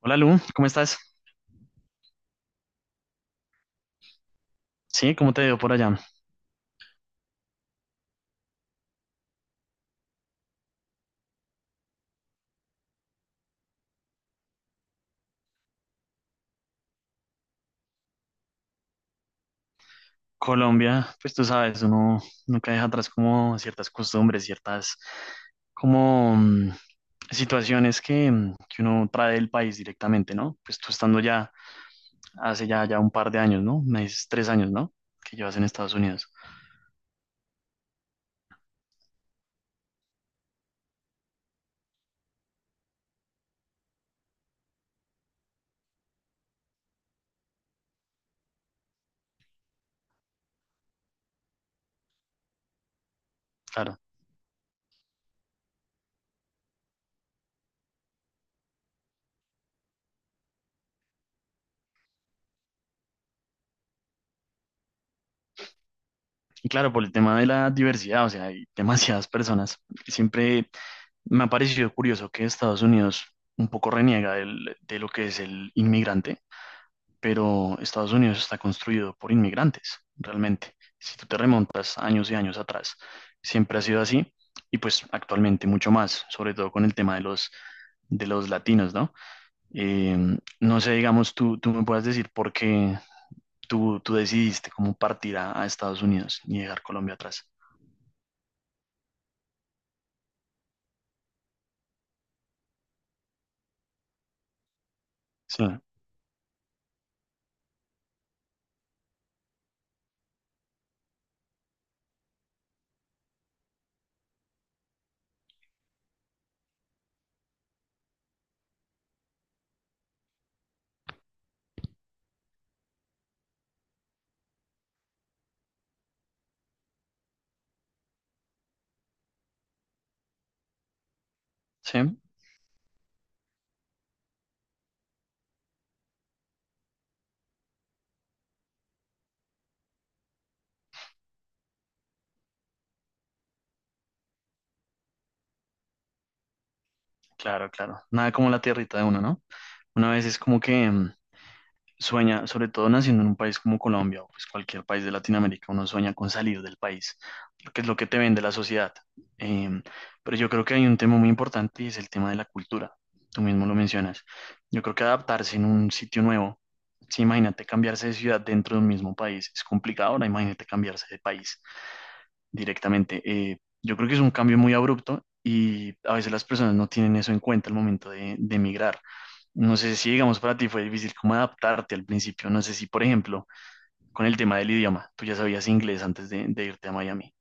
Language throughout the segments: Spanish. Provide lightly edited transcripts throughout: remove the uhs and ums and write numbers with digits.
Hola Lu, ¿cómo estás? Sí, ¿cómo te veo por allá? Colombia, pues tú sabes, uno nunca deja atrás como ciertas costumbres, ciertas como situaciones que, que uno trae del país directamente, ¿no? Pues tú estando ya hace ya un par de años, ¿no? Me dices 3 años, ¿no? Que llevas en Estados Unidos, claro. Y claro, por el tema de la diversidad, o sea, hay demasiadas personas. Siempre me ha parecido curioso que Estados Unidos un poco reniega de lo que es el inmigrante, pero Estados Unidos está construido por inmigrantes, realmente. Si tú te remontas años y años atrás, siempre ha sido así y pues actualmente mucho más, sobre todo con el tema de los latinos, ¿no? Eh, no sé, digamos, tú me puedas decir por qué tú decidiste cómo partir a Estados Unidos y dejar Colombia atrás. Sí, sí, claro, claro. Nada como la tierrita de uno, ¿no? Una vez es como que... sueña, sobre todo naciendo en un país como Colombia o pues cualquier país de Latinoamérica, uno sueña con salir del país, porque es lo que te vende la sociedad. Em, pero yo creo que hay un tema muy importante y es el tema de la cultura. Tú mismo lo mencionas. Yo creo que adaptarse en un sitio nuevo, si imagínate cambiarse de ciudad dentro de un mismo país, es complicado, ahora imagínate cambiarse de país directamente. Yo creo que es un cambio muy abrupto y a veces las personas no tienen eso en cuenta al momento de emigrar. No sé si, digamos, para ti fue difícil como adaptarte al principio. No sé si, por ejemplo, con el tema del idioma, tú ya sabías inglés antes de irte a Miami.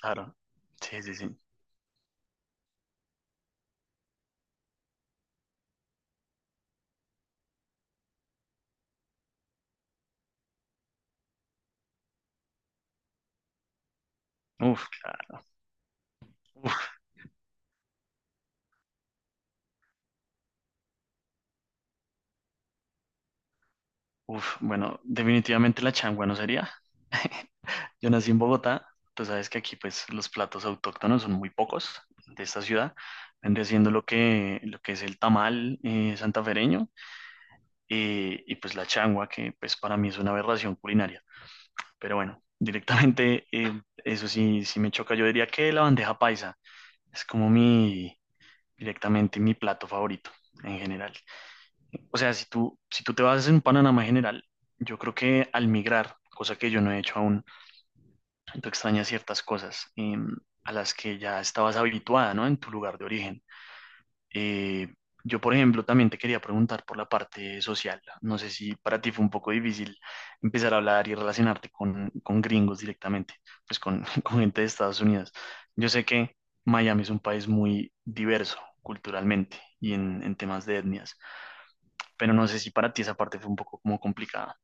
Claro. Sí, sí, sí. Uf, claro. Uf, uf. Bueno, definitivamente la changua no sería. Yo nací en Bogotá. Tú sabes que aquí, pues, los platos autóctonos son muy pocos de esta ciudad. Vendría siendo lo que es el tamal santafereño y, pues, la changua, que, pues, para mí es una aberración culinaria. Pero bueno, directamente, eso sí, sí me choca. Yo diría que la bandeja paisa es como mi, directamente mi plato favorito en general. O sea, si tú, si tú te vas en un panorama general, yo creo que al migrar, cosa que yo no he hecho aún, tú extrañas ciertas cosas a las que ya estabas habituada, ¿no? En tu lugar de origen. Eh, yo, por ejemplo, también te quería preguntar por la parte social. No sé si para ti fue un poco difícil empezar a hablar y relacionarte con gringos directamente, pues con, con gente de Estados Unidos. Yo sé que Miami es un país muy diverso culturalmente y en temas de etnias, pero no sé si para ti esa parte fue un poco como complicada.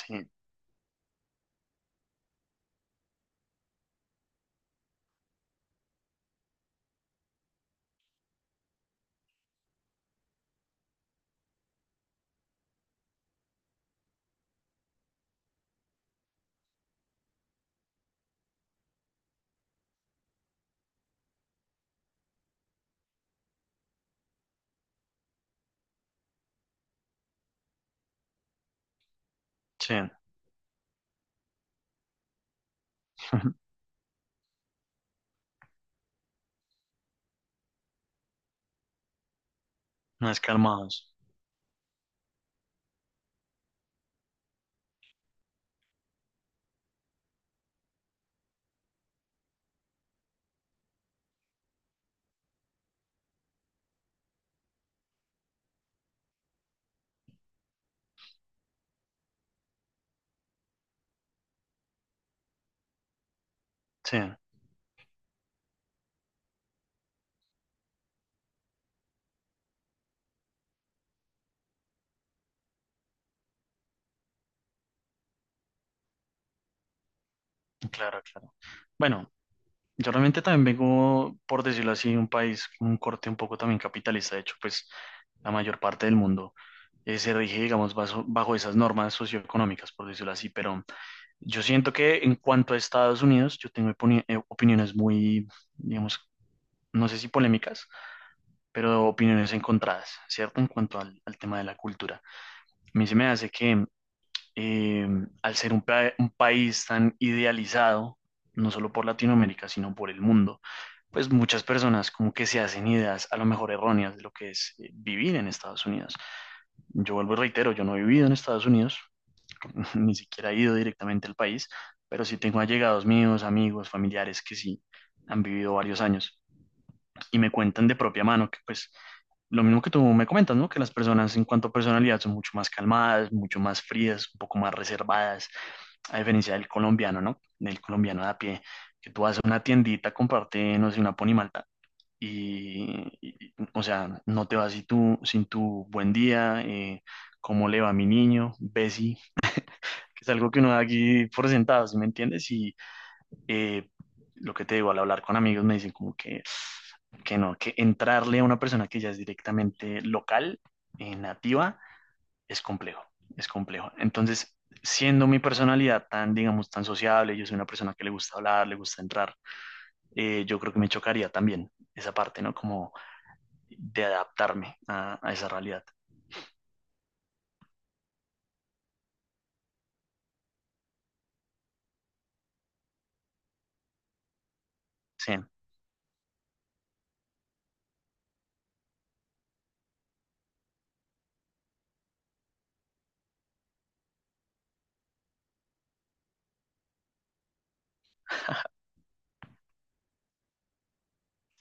Sí, sí, más calmados. Sí, claro, claro. Bueno, yo realmente también vengo, por decirlo así, de un país con un corte un poco también capitalista. De hecho, pues la mayor parte del mundo se rige, digamos, bajo esas normas socioeconómicas, por decirlo así. Pero yo siento que en cuanto a Estados Unidos, yo tengo opiniones muy, digamos, no sé si polémicas, pero opiniones encontradas, ¿cierto? En cuanto al, al tema de la cultura. A mí se me hace que eh, al ser un país tan idealizado, no solo por Latinoamérica, sino por el mundo, pues muchas personas como que se hacen ideas a lo mejor erróneas de lo que es vivir en Estados Unidos. Yo vuelvo y reitero, yo no he vivido en Estados Unidos, ni siquiera he ido directamente al país, pero sí tengo allegados míos, amigos, familiares que sí han vivido varios años y me cuentan de propia mano que pues lo mismo que tú me comentas, ¿no? Que las personas en cuanto a personalidad son mucho más calmadas, mucho más frías, un poco más reservadas, a diferencia del colombiano, ¿no? Del colombiano de a pie, que tú vas a una tiendita, comparte, no sé, una ponimalta y, o sea, no te vas sin tu, sin tu buen día, cómo le va a mi niño, Bessie, que es algo que uno da aquí por sentado, ¿sí me entiendes? Y eh, lo que te digo, al hablar con amigos me dicen como que no, que entrarle a una persona que ya es directamente local, nativa, es complejo, es complejo. Entonces, siendo mi personalidad tan, digamos, tan sociable, yo soy una persona que le gusta hablar, le gusta entrar, yo creo que me chocaría también esa parte, ¿no? Como de adaptarme a esa realidad. Sí,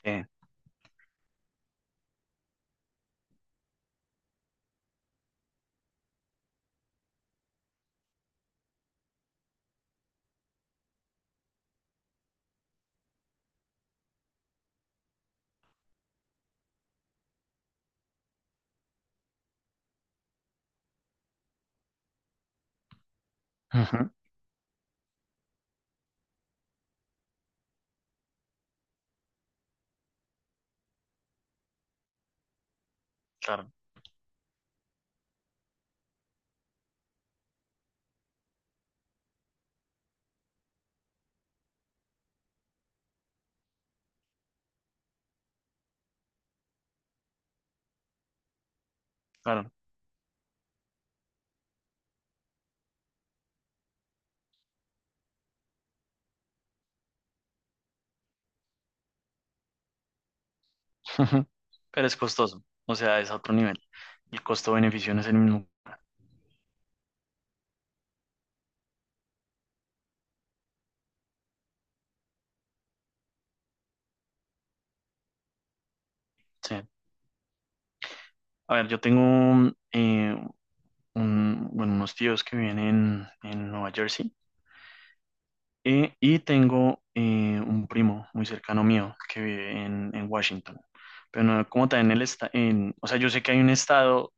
sí. Ujú, claro, claro. Pero es costoso, o sea, es a otro nivel. El costo-beneficio no es el mismo. Sí. A ver, yo tengo un- bueno, unos tíos que viven en Nueva Jersey. Y tengo un primo muy cercano mío que vive en Washington, pero no, como tal en el estado, en, o sea, yo sé que hay un estado,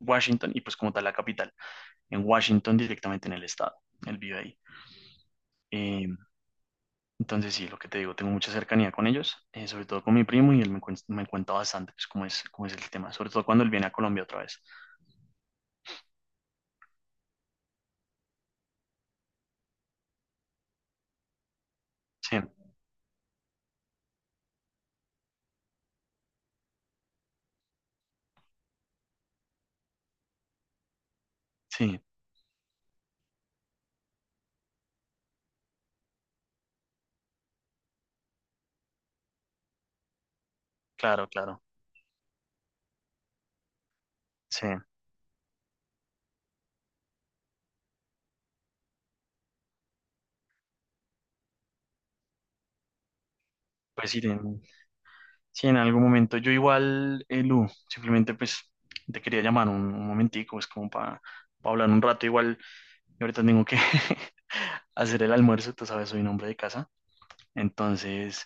Washington, y pues como tal la capital, en Washington directamente en el estado, él vive ahí. Eh, entonces sí, lo que te digo, tengo mucha cercanía con ellos, sobre todo con mi primo, y él me, me cuenta bastante pues, cómo es el tema, sobre todo cuando él viene a Colombia otra vez. Sí, sí, claro, claro, sí, pues sí, tiene- Sí, en algún momento. Yo igual, Lu, simplemente pues te quería llamar un momentico, es como para hablar un rato. Igual, yo ahorita tengo que hacer el almuerzo, tú sabes, soy un hombre de casa. Entonces,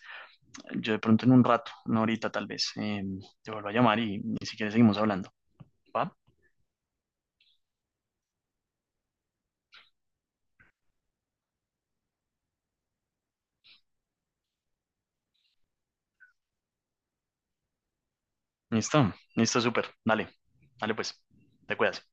yo de pronto en un rato, una horita tal vez, te vuelvo a llamar y si quieres seguimos hablando. ¿Va? Listo, listo, súper. Dale, dale pues, te cuidas.